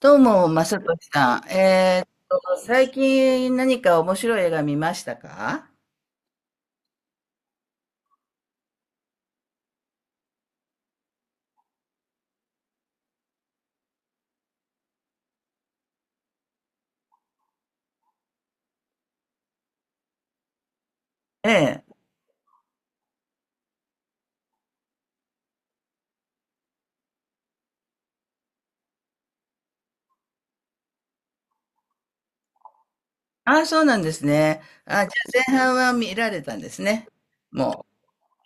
どうも、まさとしさん。最近何か面白い映画見ましたか？ええ。ああ、そうなんですね。あ、じゃあ前半は見られたんですね。も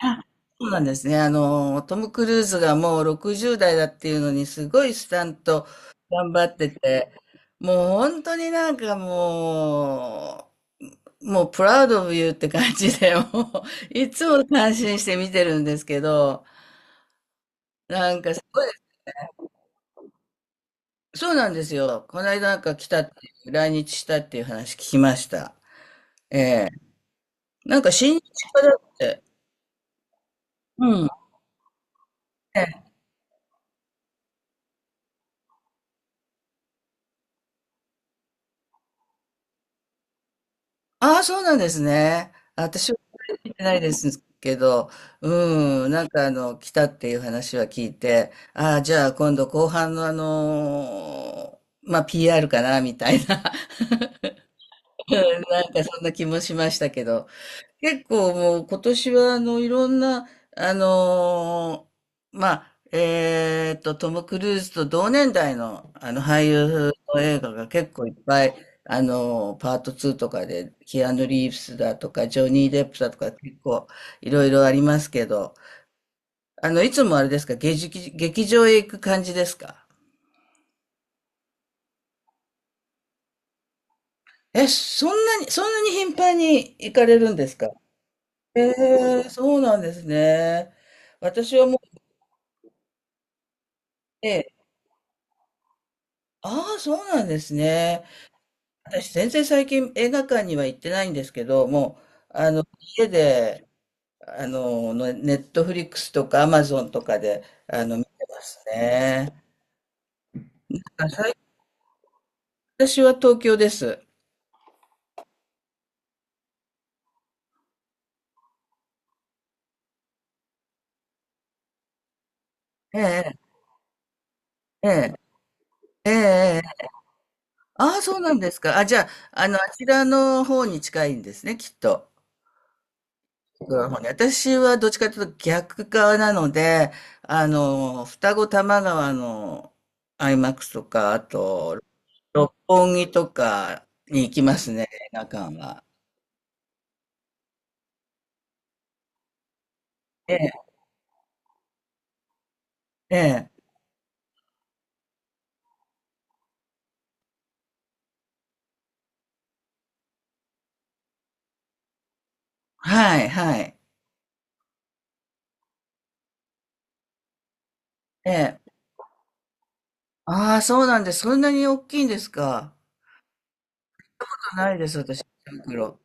う。あ、そうなんですね。あの、トム・クルーズがもう60代だっていうのに、すごいスタント頑張ってて、もう本当になんかもう、もう、プラウド・オブ・ユーって感じで、もう、いつも感心して見てるんですけど、なんかすごい。そうなんですよ。この間なんか来たっていう、来日したっていう話聞きました。ええ。なんか親日家だって。うん。ええ。ああ、そうなんですね。私は聞いてないですけど、うん、なんかあの、来たっていう話は聞いて、ああ、じゃあ今度後半のPR かな、みたいな、うん、なんかそんな気もしましたけど、結構もう今年はあのいろんな、あのーまあ、えーっと、トム・クルーズと同年代のあの俳優の映画が結構いっぱい、パート2とかで、キアヌ・リーブスだとか、ジョニー・デップだとか結構いろいろありますけど、あの、いつもあれですか、劇場へ行く感じですか？え、そんなに頻繁に行かれるんですか？えー、そうなんですね。私はもうね、ああ、そうなんですね。私、全然最近映画館には行ってないんですけど、もう、あの、家で、あの、のネットフリックスとかアマゾンとかで、あの、見てますね。あ、私は東京です。ええ、ええ、ええ、ええ。ああ、そうなんですか。あ、じゃあ、あの、あちらの方に近いんですね、きっと。僕らの方に私はどっちかというと逆側なので、あの、双子玉川のアイマックスとか、あと、六本木とかに行きますね、映画館は。ええ、ええ、はい、はい。ええ。ああ、そうなんです。そんなに大きいんですか。ないです、私、池袋。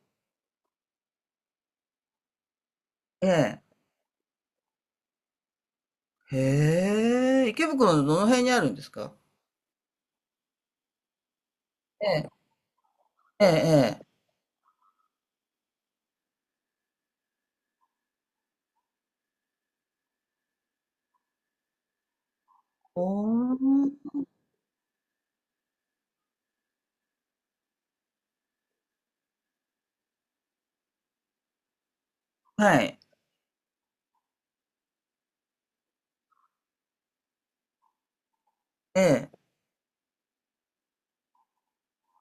ええ。へえ、池袋のどの辺にあるんですか？ええ、ええ、ええ。おー、はい。ええ。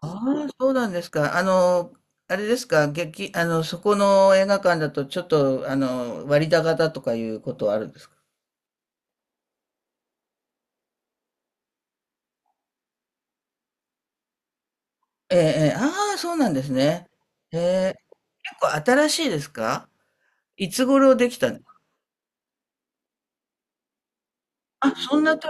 ああ、そうなんですか。あの、あれですか、あの、そこの映画館だと、ちょっと、あの、割高だとかいうことはあるんですか？ええ、ええ、ああ、そうなんですね。へえ。結構新しいですか？いつ頃できたん。あ、そんなと、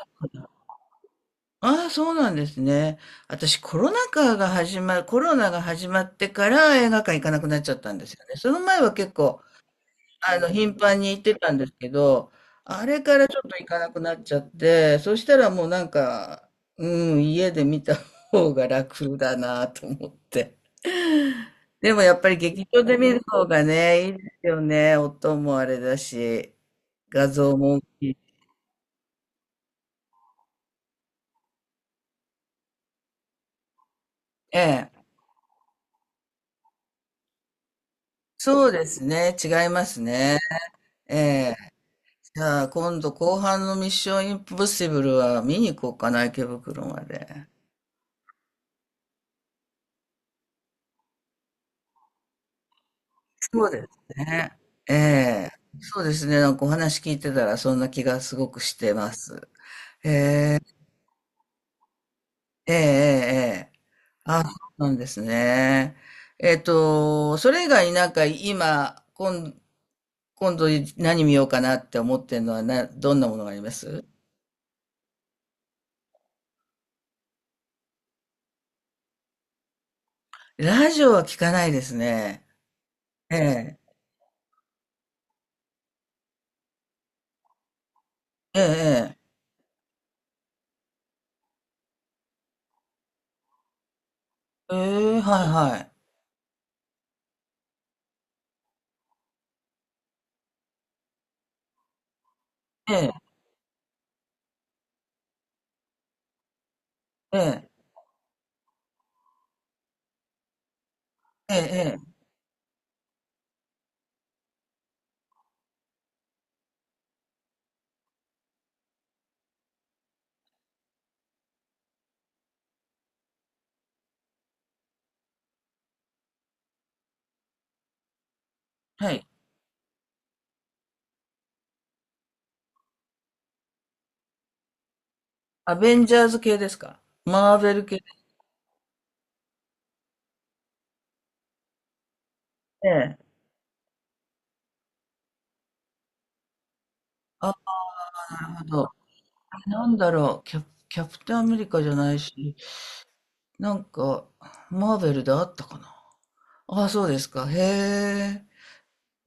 ああ、そうなんですね。私、コロナが始まってから映画館行かなくなっちゃったんですよね。その前は結構あの、頻繁に行ってたんですけど、あれからちょっと行かなくなっちゃって、そしたらもうなんか、うん、家で見た方が楽だなと思って。でもやっぱり劇場で見る方がね、いいですよね。音もあれだし、画像も大きい。ええ。そうですね。違いますね。ええ。じゃあ今度後半のミッションインポッシブルは見に行こうかな、池袋まで。そうですね。ええ。そうですね。なんかお話聞いてたらそんな気がすごくしてます。ええ、ええ、ええ。あ、そうなんですね。えっと、それ以外になんか今度何見ようかなって思ってるのはな、どんなものがあります？ラジオは聞かないですね。ええ、ええ、ええ、ええ、はい、はい。ええ、ええ、ええ、ええ、はい。アベンジャーズ系ですか？マーベル系。ええ。あ、なるほど。なんだろう、キャ、キャプテンアメリカじゃないし、なんか、マーベルであったかな。ああ、そうですか。へえ。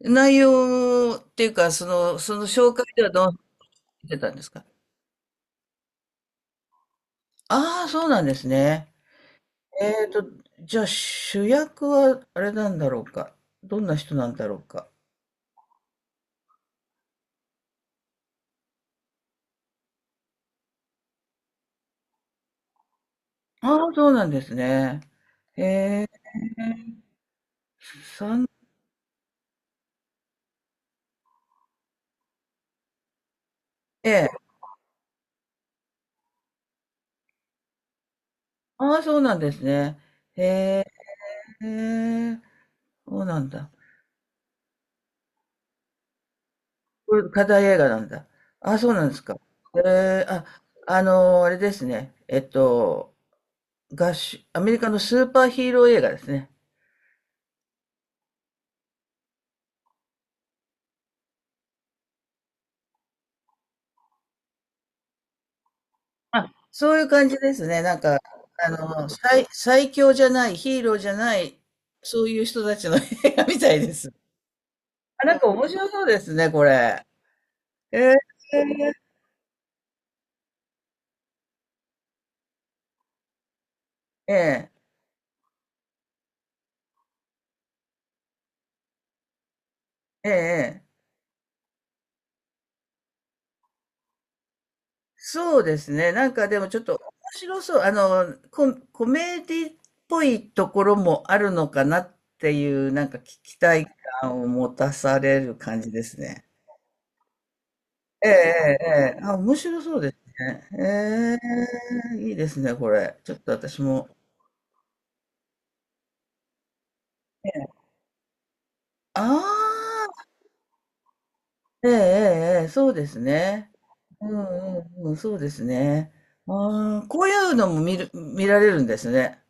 内容っていうか、その紹介ではどうなってたんですか？ああ、そうなんですね。えーと、じゃあ主役はあれなんだろうか。どんな人なんだろうか。ああ、そうなんですね。へえ。三、ええ。ああ、そうなんですね。へえ。そうなんだ。これ課題映画なんだ。あ、そうなんですか。えーあ、あれですね。えっと、アメリカのスーパーヒーロー映画ですね。あ、そういう感じですね。なんか、あの、最強じゃない、ヒーローじゃない、そういう人たちの映画みたいです。あ、なんか面白そうですね、これ。えええええええー、そうですね。なんかでもちょっと面白そう。あの、コメディっぽいところもあるのかなっていう、なんか期待感を持たされる感じですね。ええ、ええ、ええ、あ、面白そうですね。ええ、いいですね、これ。ちょっと私も。ええ、ああ、ええ、ええ、ええ、そうですね。うん、うん、うん、そうですね。ああ、こういうのも見られるんですね。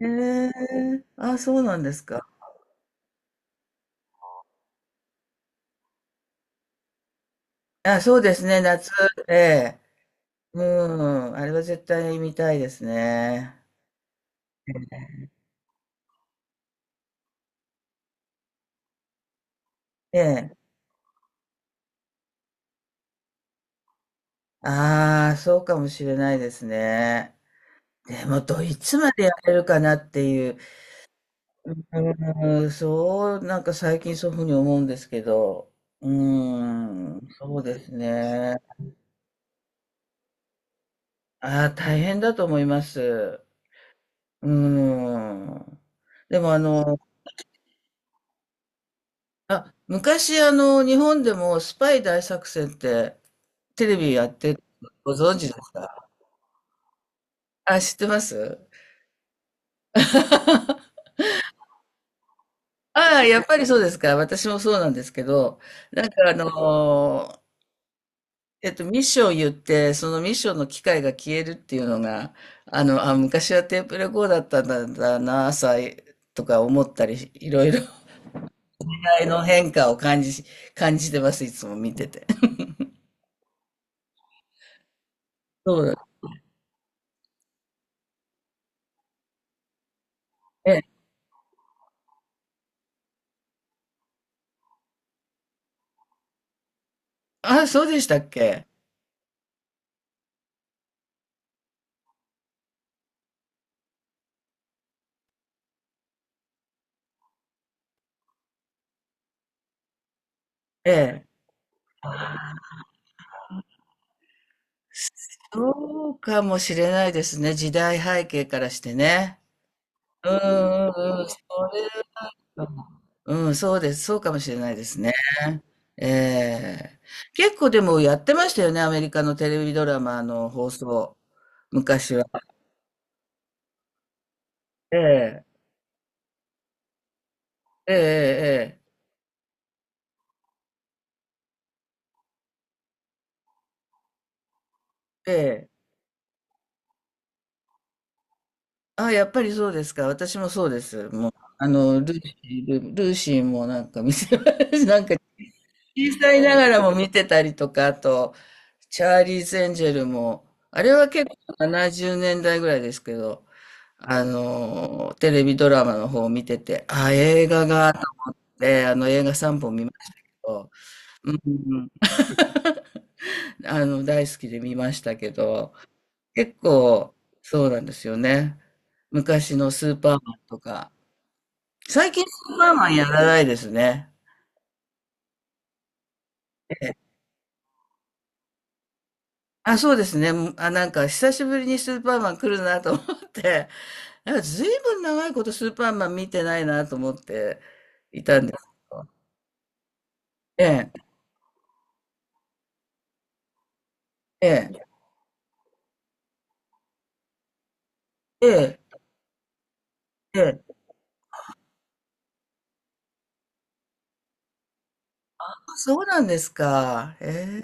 へえ、あ、そうなんですか。あ、そうですね、夏、ええ。うん、あれは絶対見たいですね。ええ。ああ、そうかもしれないですね。でも、どいつまでやれるかなっていう、うん、そう、なんか最近そういうふうに思うんですけど、うん、そうですね。ああ、大変だと思います。うん。でも、あの、あ、昔、あの、日本でもスパイ大作戦ってテレビやってるのご存知ですか？あ、知ってます。 ああ、やっぱりそうですか。私もそうなんですけど、なんかあのーミッションを言って、そのミッションの機械が消えるっていうのが、あの、あ、昔はテープレコーダーだったんだな、朝とか思ったり、いろいろ、時代の変化を感じ、感じてます、いつも見てて。そうだ。ええ。あ、そうでしたっけ？ええ。そうかもしれないですね。時代背景からしてね。うん、うん、うん、うん、それ、うん、そうです。そうかもしれないですね。ええ、結構でもやってましたよね、アメリカのテレビドラマの放送、昔は。ええ、ええ、ええ、ええ、あ、やっぱりそうですか。私もそうです。もう、あの、ルーシーもなんか見て、なんか小さいながらも見てたりとか、あと、チャーリーズ・エンジェルも、あれは結構70年代ぐらいですけど、あのー、テレビドラマの方を見てて、あ、映画があって、あの映画3本見ましたけど、うん、うん、あの、大好きで見ましたけど、結構、そうなんですよね。昔のスーパーマンとか、最近スーパーマンやらないですね。ええ、あ、そうですね。あ、なんか久しぶりにスーパーマン来るなと思って、なんか随分長いことスーパーマン見てないなと思っていたんですけど。ええ、ええ、ええ、ええ、そうなんですか。え